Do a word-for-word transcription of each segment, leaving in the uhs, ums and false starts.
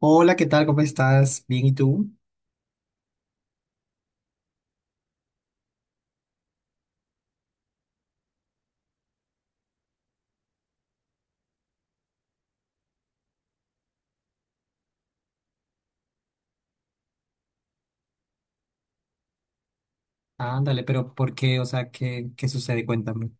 Hola, ¿qué tal? ¿Cómo estás? Bien, ¿y tú? Ándale, pero ¿por qué? O sea, ¿qué, qué sucede? Cuéntame.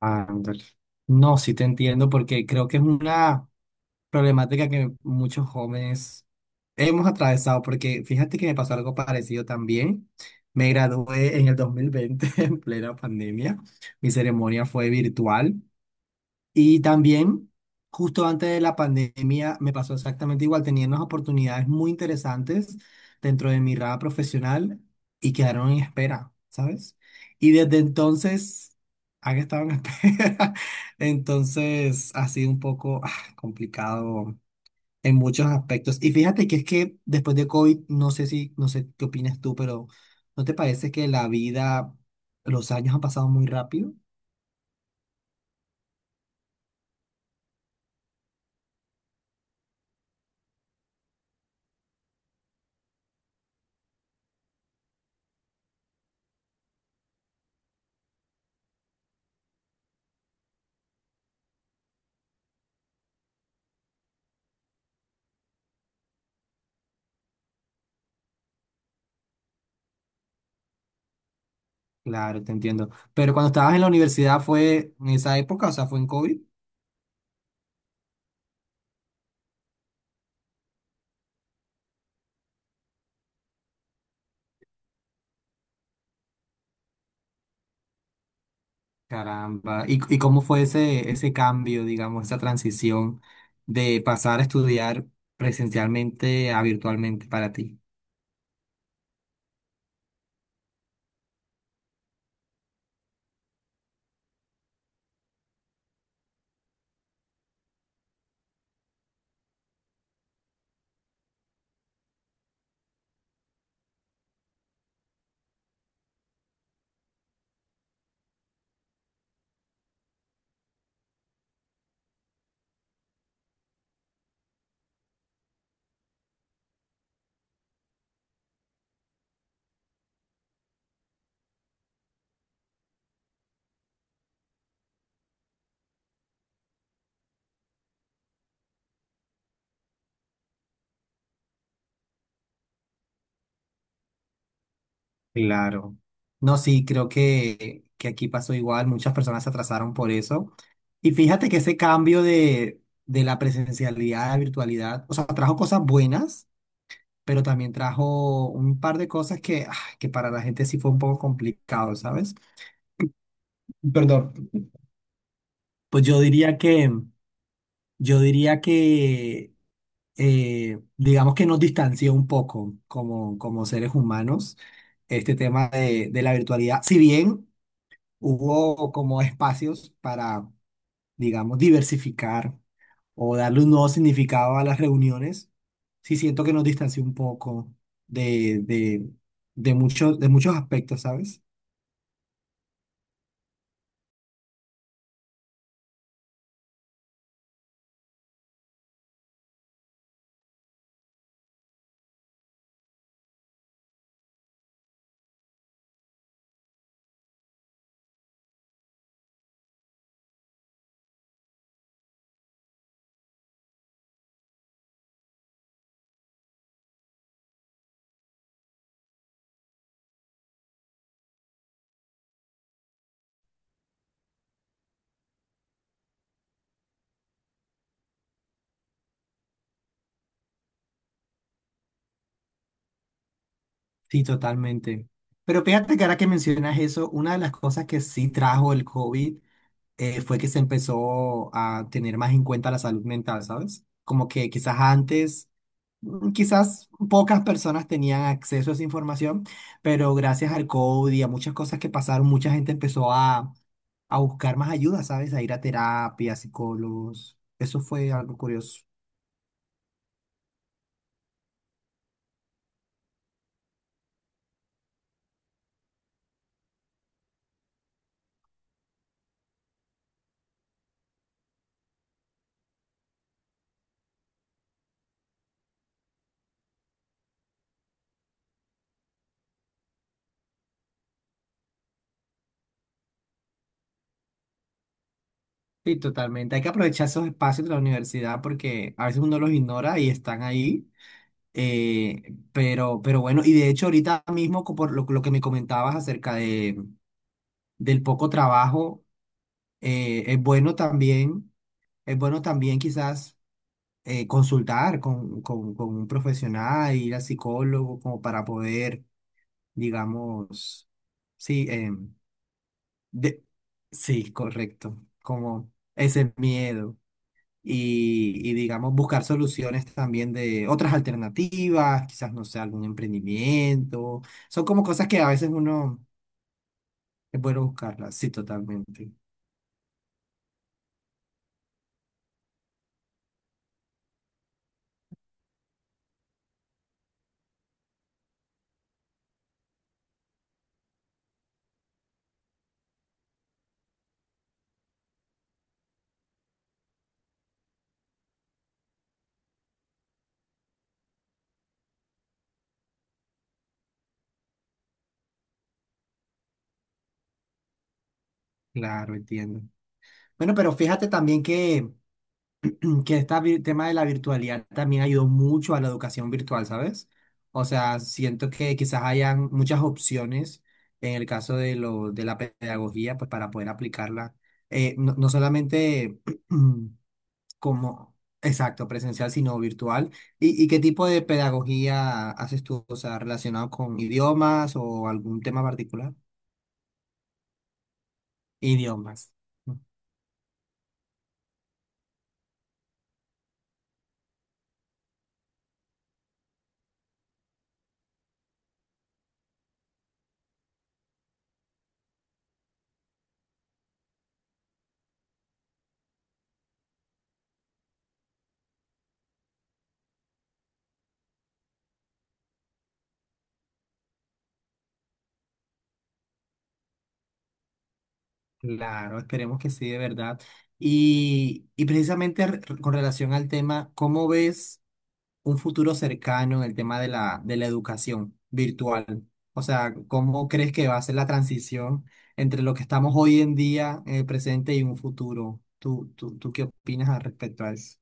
Ándale. No, sí te entiendo porque creo que es una problemática que muchos jóvenes hemos atravesado, porque fíjate que me pasó algo parecido también. Me gradué en el dos mil veinte en plena pandemia. Mi ceremonia fue virtual. Y también, justo antes de la pandemia, me pasó exactamente igual. Tenía unas oportunidades muy interesantes dentro de mi rama profesional y quedaron en espera, ¿sabes? Y desde entonces han estado en espera. Entonces ha sido un poco ah, complicado en muchos aspectos. Y fíjate que es que después de COVID, no sé si, no sé qué opinas tú, pero ¿no te parece que la vida, los años han pasado muy rápido? Claro, te entiendo. Pero cuando estabas en la universidad fue en esa época, o sea, fue en COVID. Caramba. ¿Y, y cómo fue ese, ese cambio, digamos, esa transición de pasar a estudiar presencialmente a virtualmente para ti? Claro. No, sí, creo que, que aquí pasó igual. Muchas personas se atrasaron por eso. Y fíjate que ese cambio de, de la presencialidad a la virtualidad, o sea, trajo cosas buenas pero también trajo un par de cosas que, ah, que para la gente sí fue un poco complicado, ¿sabes? Perdón. Pues yo diría que, yo diría que, eh, digamos que nos distanció un poco como, como seres humanos este tema de, de la virtualidad, si bien hubo como espacios para digamos, diversificar o darle un nuevo significado a las reuniones, sí siento que nos distanció un poco de, de, de muchos, de muchos aspectos, ¿sabes? Sí, totalmente. Pero fíjate que ahora que mencionas eso, una de las cosas que sí trajo el COVID eh, fue que se empezó a tener más en cuenta la salud mental, ¿sabes? Como que quizás antes, mm, quizás pocas personas tenían acceso a esa información, pero gracias al COVID y a muchas cosas que pasaron, mucha gente empezó a, a buscar más ayuda, ¿sabes? A ir a terapia, a psicólogos. Eso fue algo curioso. Sí, totalmente. Hay que aprovechar esos espacios de la universidad porque a veces uno los ignora y están ahí. Eh, pero, pero bueno, y de hecho ahorita mismo, co- por lo, lo que me comentabas acerca de, del poco trabajo, eh, es bueno también, es bueno también quizás eh, consultar con, con, con un profesional, ir a psicólogo, como para poder, digamos, sí, em, de- sí, correcto, como ese miedo. Y, y digamos buscar soluciones también de otras alternativas, quizás no sé, algún emprendimiento. Son como cosas que a veces uno es bueno buscarlas. Sí, totalmente. Claro, entiendo. Bueno, pero fíjate también que, que este tema de la virtualidad también ayudó mucho a la educación virtual, ¿sabes? O sea, siento que quizás hayan muchas opciones en el caso de, lo, de la pedagogía, pues para poder aplicarla, eh, no, no solamente como, exacto, presencial, sino virtual. ¿Y, y qué tipo de pedagogía haces tú? O sea, ¿relacionado con idiomas o algún tema particular? Idiomas. Claro, esperemos que sí, de verdad. Y, y precisamente re- con relación al tema, ¿cómo ves un futuro cercano en el tema de la, de la educación virtual? O sea, ¿cómo crees que va a ser la transición entre lo que estamos hoy en día, en el presente y un futuro? ¿Tú, tú, tú qué opinas al respecto a eso?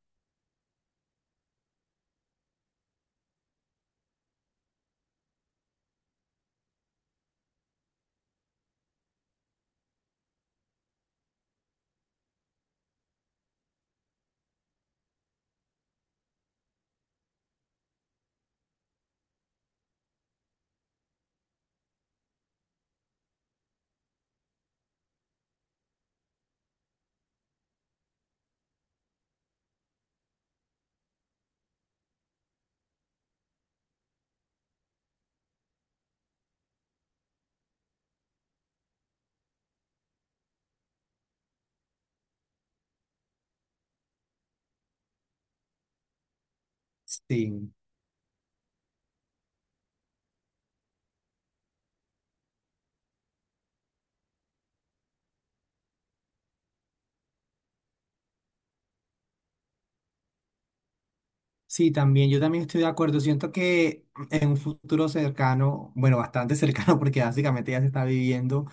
Sí. Sí, también, yo también estoy de acuerdo. Siento que en un futuro cercano, bueno, bastante cercano, porque básicamente ya se está viviendo.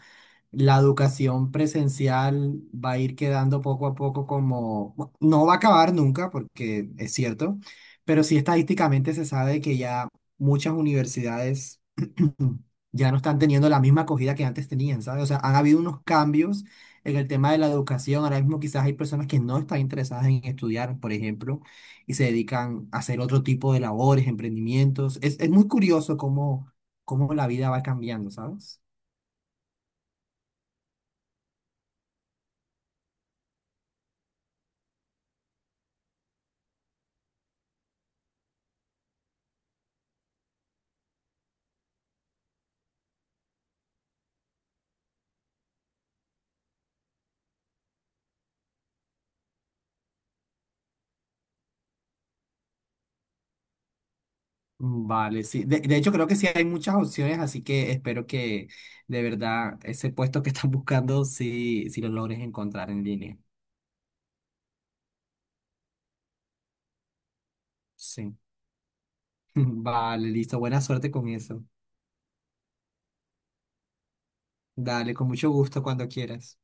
La educación presencial va a ir quedando poco a poco como, bu- no va a acabar nunca, porque es cierto, pero sí estadísticamente se sabe que ya muchas universidades ya no están teniendo la misma acogida que antes tenían, ¿sabes? O sea, han habido unos cambios en el tema de la educación. Ahora mismo quizás hay personas que no están interesadas en estudiar, por ejemplo, y se dedican a hacer otro tipo de labores, emprendimientos. Es, es muy curioso cómo, cómo la vida va cambiando, ¿sabes? Vale, sí. De, de hecho, creo que sí hay muchas opciones, así que espero que de verdad ese puesto que están buscando, sí, sí lo logres encontrar en línea. Sí. Vale, listo. Buena suerte con eso. Dale, con mucho gusto cuando quieras.